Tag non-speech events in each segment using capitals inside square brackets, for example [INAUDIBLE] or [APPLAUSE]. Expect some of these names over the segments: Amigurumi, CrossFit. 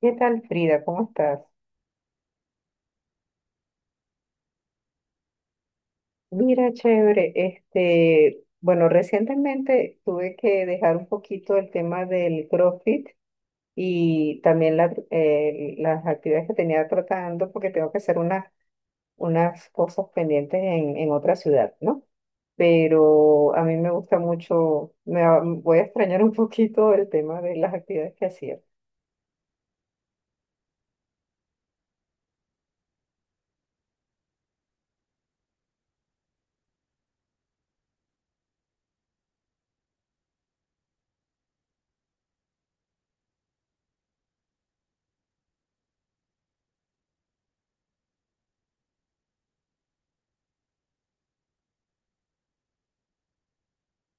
¿Qué tal, Frida? ¿Cómo estás? Mira, chévere. Bueno, recientemente tuve que dejar un poquito el tema del CrossFit y también las actividades que tenía tratando porque tengo que hacer unas cosas pendientes en otra ciudad, ¿no? Pero a mí me gusta mucho, voy a extrañar un poquito el tema de las actividades que hacía.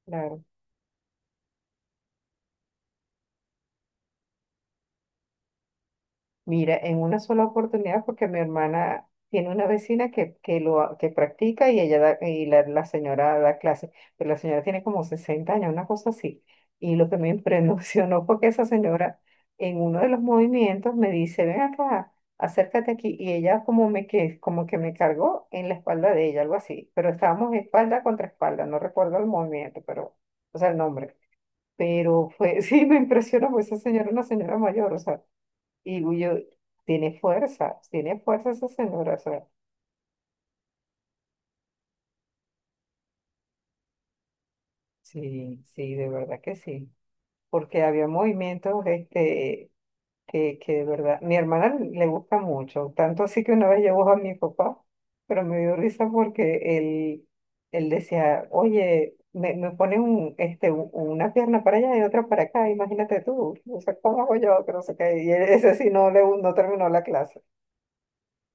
Claro. Mira, en una sola oportunidad, porque mi hermana tiene una vecina que que practica y y la señora da clases, pero la señora tiene como 60 años, una cosa así. Y lo que me [LAUGHS] impresionó fue que esa señora, en uno de los movimientos, me dice, ven acá, acércate aquí. Y ella como que me cargó en la espalda de ella, algo así. Pero estábamos espalda contra espalda, no recuerdo el movimiento, pero, o sea, el nombre. Pero fue, [LAUGHS] sí, me impresionó. Pues esa señora, era una señora mayor, o sea. Y yo, tiene fuerza, tiene fuerza esa señora, o sea. Sí, sí, de verdad que sí. Porque había movimientos, que de verdad, mi hermana le gusta mucho, tanto así que una vez llevó a mi papá, pero me dio risa porque él decía, oye, me pone una pierna para allá y otra para acá, imagínate tú, o sea, ¿cómo hago yo? Que no sé qué. Ese sí no, no terminó la clase.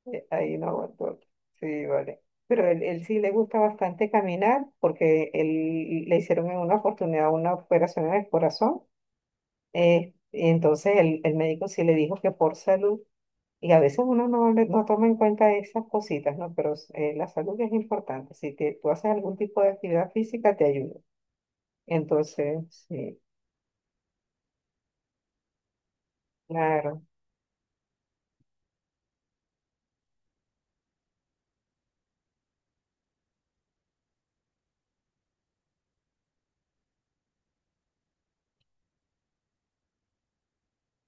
Ahí no aguantó. Sí, vale. Pero él sí le gusta bastante caminar, porque él le hicieron en una oportunidad una operación en el corazón. Y entonces el médico sí le dijo que por salud, y a veces uno no, no toma en cuenta esas cositas, ¿no? Pero la salud es importante. Si tú haces algún tipo de actividad física, te ayuda. Entonces, sí, claro.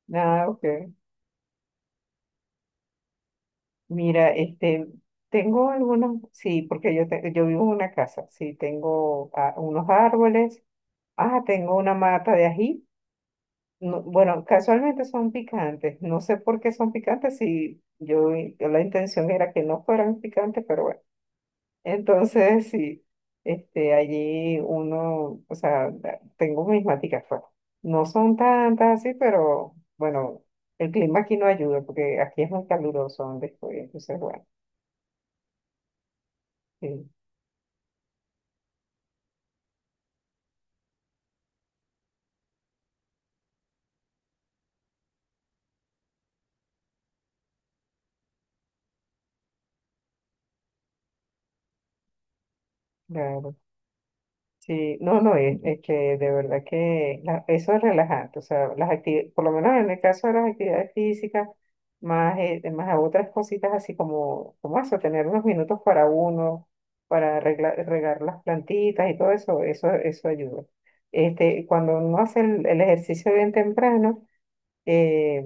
Nada, ok. Mira, tengo algunos, sí, porque yo vivo en una casa. Sí, tengo, unos árboles, tengo una mata de ají. Bueno, casualmente son picantes, no sé por qué son picantes, si yo, i- la intención era que no fueran picantes, pero bueno. Entonces sí, allí uno, o sea, tengo mis maticas, pues, no son tantas así, pero bueno, el clima aquí no ayuda, porque aquí es muy caluroso donde estoy, entonces bueno. Sí. Claro, sí, no, no, es que de verdad que la- eso es relajante, o sea. Las actividades, por lo menos en el caso de las actividades físicas, más a otras cositas así como eso, tener unos minutos para uno, para regar las plantitas y todo eso, eso ayuda. Cuando uno hace el ejercicio bien temprano, eh,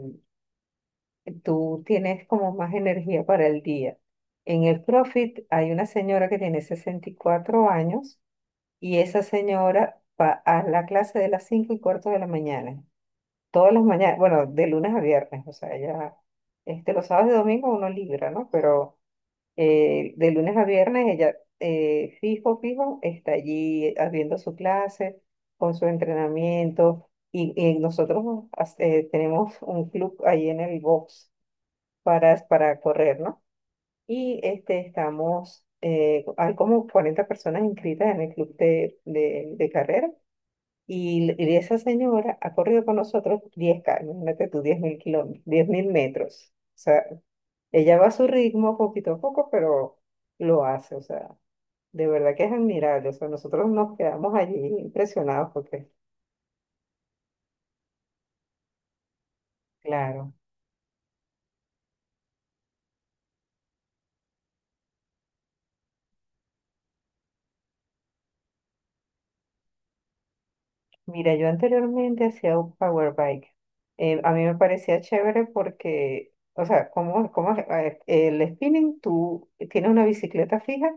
tú tienes como más energía para el día. En el CrossFit hay una señora que tiene 64 años, y esa señora va a la clase de las 5:15 de la mañana. Todas las mañanas, bueno, de lunes a viernes. O sea, Los sábados y domingos uno libra, ¿no? Pero de lunes a viernes ella, fijo, fijo, está allí haciendo su clase, con su entrenamiento. Y nosotros, tenemos un club ahí en el box para correr, ¿no? Hay como 40 personas inscritas en el club de carrera, y esa señora ha corrido con nosotros 10K, imagínate tú, 10.000 kilómetros, 10.000 metros. O sea, ella va a su ritmo, poquito a poco, pero lo hace. O sea, de verdad que es admirable. O sea, nosotros nos quedamos allí impresionados porque, claro. Mira, yo anteriormente hacía un power bike. A mí me parecía chévere porque, o sea, como es? A ver, el spinning, tú tienes una bicicleta fija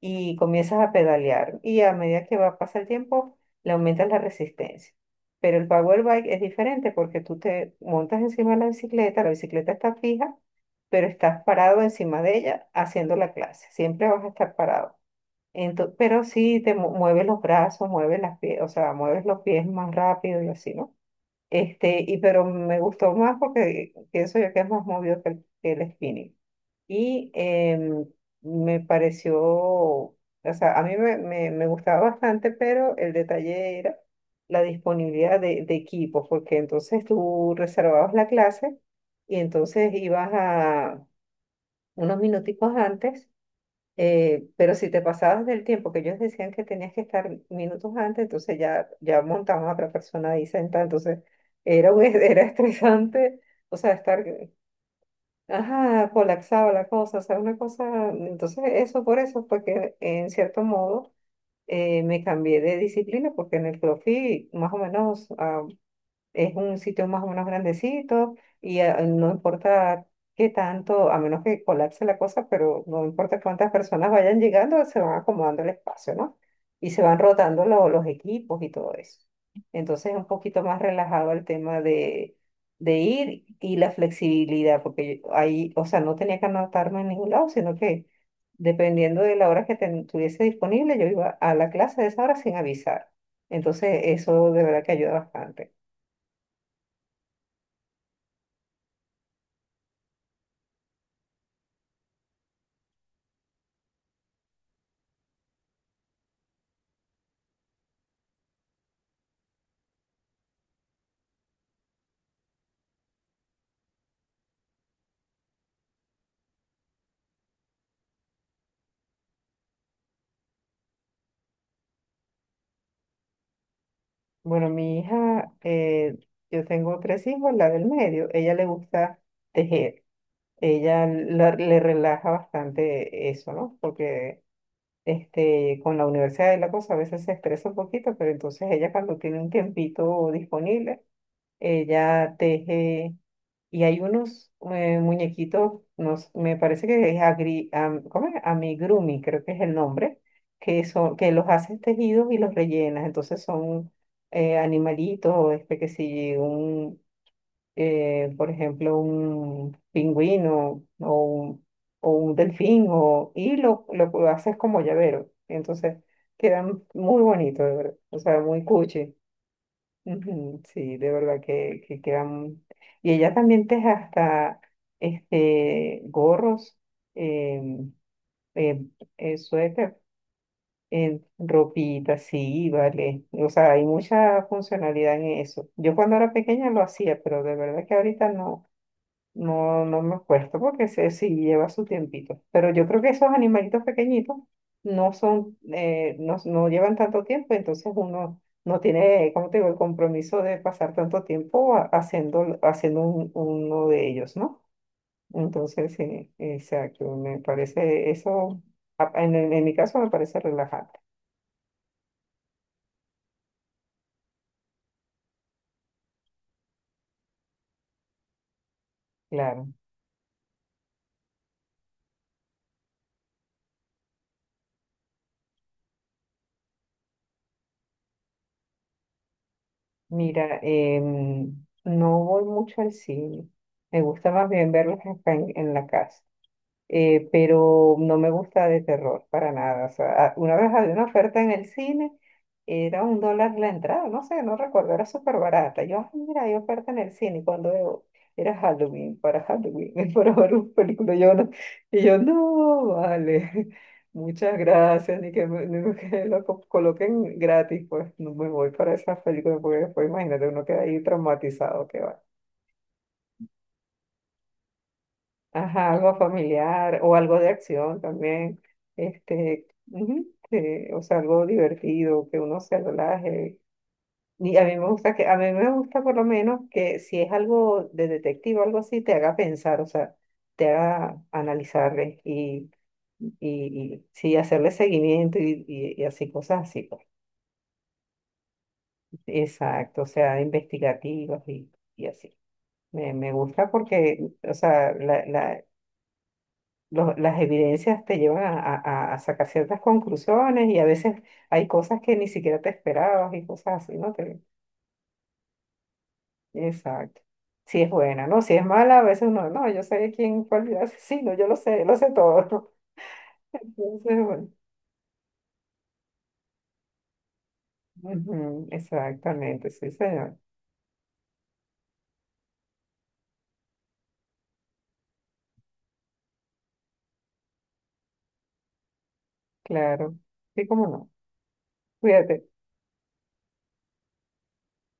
y comienzas a pedalear, y a medida que va pasa el tiempo, le aumentas la resistencia. Pero el power bike es diferente, porque tú te montas encima de la bicicleta está fija, pero estás parado encima de ella haciendo la clase. Siempre vas a estar parado. Pero sí te mueves los brazos, mueves las pies, o sea, mueves los pies más rápido y así, ¿no? Y pero me gustó más porque pienso yo que es más movido que el spinning. Y em, me pareció, o sea, a mí me gustaba bastante, pero el detalle era la disponibilidad de equipos, porque entonces tú reservabas la clase y entonces ibas a unos minuticos antes, pero si te pasabas del tiempo que ellos decían que tenías que estar minutos antes, entonces ya montaban a otra persona ahí sentada. Entonces [LAUGHS] era estresante, o sea, estar, ajá, colapsaba la cosa, o sea, una cosa. Entonces eso, por eso, porque en cierto modo, me cambié de disciplina, porque en el CrossFit, más o menos, es un sitio más o menos grandecito, y no importa qué tanto, a menos que colapse la cosa, pero no importa cuántas personas vayan llegando, se van acomodando el espacio, ¿no? Y se van rotando los equipos y todo eso. Entonces es un poquito más relajado el tema de ir y la flexibilidad, porque yo ahí, o sea, no tenía que anotarme en ningún lado, sino que dependiendo de la hora que tuviese disponible, yo iba a la clase de esa hora sin avisar. Entonces eso de verdad que ayuda bastante. Bueno, mi hija, yo tengo tres hijos, la del medio, ella le gusta tejer. Ella le relaja bastante eso, ¿no? Porque con la universidad y la cosa a veces se estresa un poquito, pero entonces ella, cuando tiene un tiempito disponible, ella teje, y hay unos, muñequitos, me parece que es ¿cómo es? Amigurumi, creo que es el nombre, que son, que los haces tejidos y los rellenas. Entonces son, animalitos, este que si un, por ejemplo, un pingüino o un delfín, y lo haces como llavero. Entonces quedan muy bonitos, de verdad. O sea, muy cuchi. Ujú. Sí, de verdad que quedan. Y ella también teje hasta gorros, em, em, suéter, en ropita, sí, vale. O sea, hay mucha funcionalidad en eso. Yo cuando era pequeña lo hacía, pero de verdad que ahorita no. No, no me acuerdo porque sí lleva su tiempito. Pero yo creo que esos animalitos pequeñitos no son, no, no llevan tanto tiempo, entonces uno no tiene, como te digo, el compromiso de pasar tanto tiempo haciendo uno de ellos, ¿no? Entonces, sí, exacto, me parece eso, en mi caso me parece relajante, claro. Mira, no voy mucho al cine, me gusta más bien verlos acá en la casa. Pero no me gusta de terror para nada. O sea, una vez había una oferta en el cine, era $1 la entrada, no sé, no recuerdo, era súper barata. Yo, "Ay, mira, hay oferta en el cine", y cuando veo, era Halloween, para Halloween, [LAUGHS] para ver un película, yo no, y yo, no, vale, [LAUGHS] muchas gracias, ni que lo coloquen gratis, pues no me voy para esas películas, porque después imagínate, uno queda ahí traumatizado, que va. Ajá, algo familiar o algo de acción también, ujú, o sea, algo divertido, que uno se relaje. Y a mí me gusta por lo menos que si es algo de detective o algo así, te haga pensar, o sea, te haga analizarle, y, y sí, hacerle seguimiento, y así, cosas así, pues. Exacto, o sea, investigativas y así. Me gusta porque, o sea, las evidencias te llevan a sacar ciertas conclusiones, y a veces hay cosas que ni siquiera te esperabas y cosas así, ¿no? Exacto. Si es buena, ¿no? Si es mala, a veces uno, no, yo sé quién fue el asesino, yo lo sé todo. [LAUGHS] Entonces, bueno, ujú, exactamente, sí, señor. Claro. Sí, cómo no. Cuídate.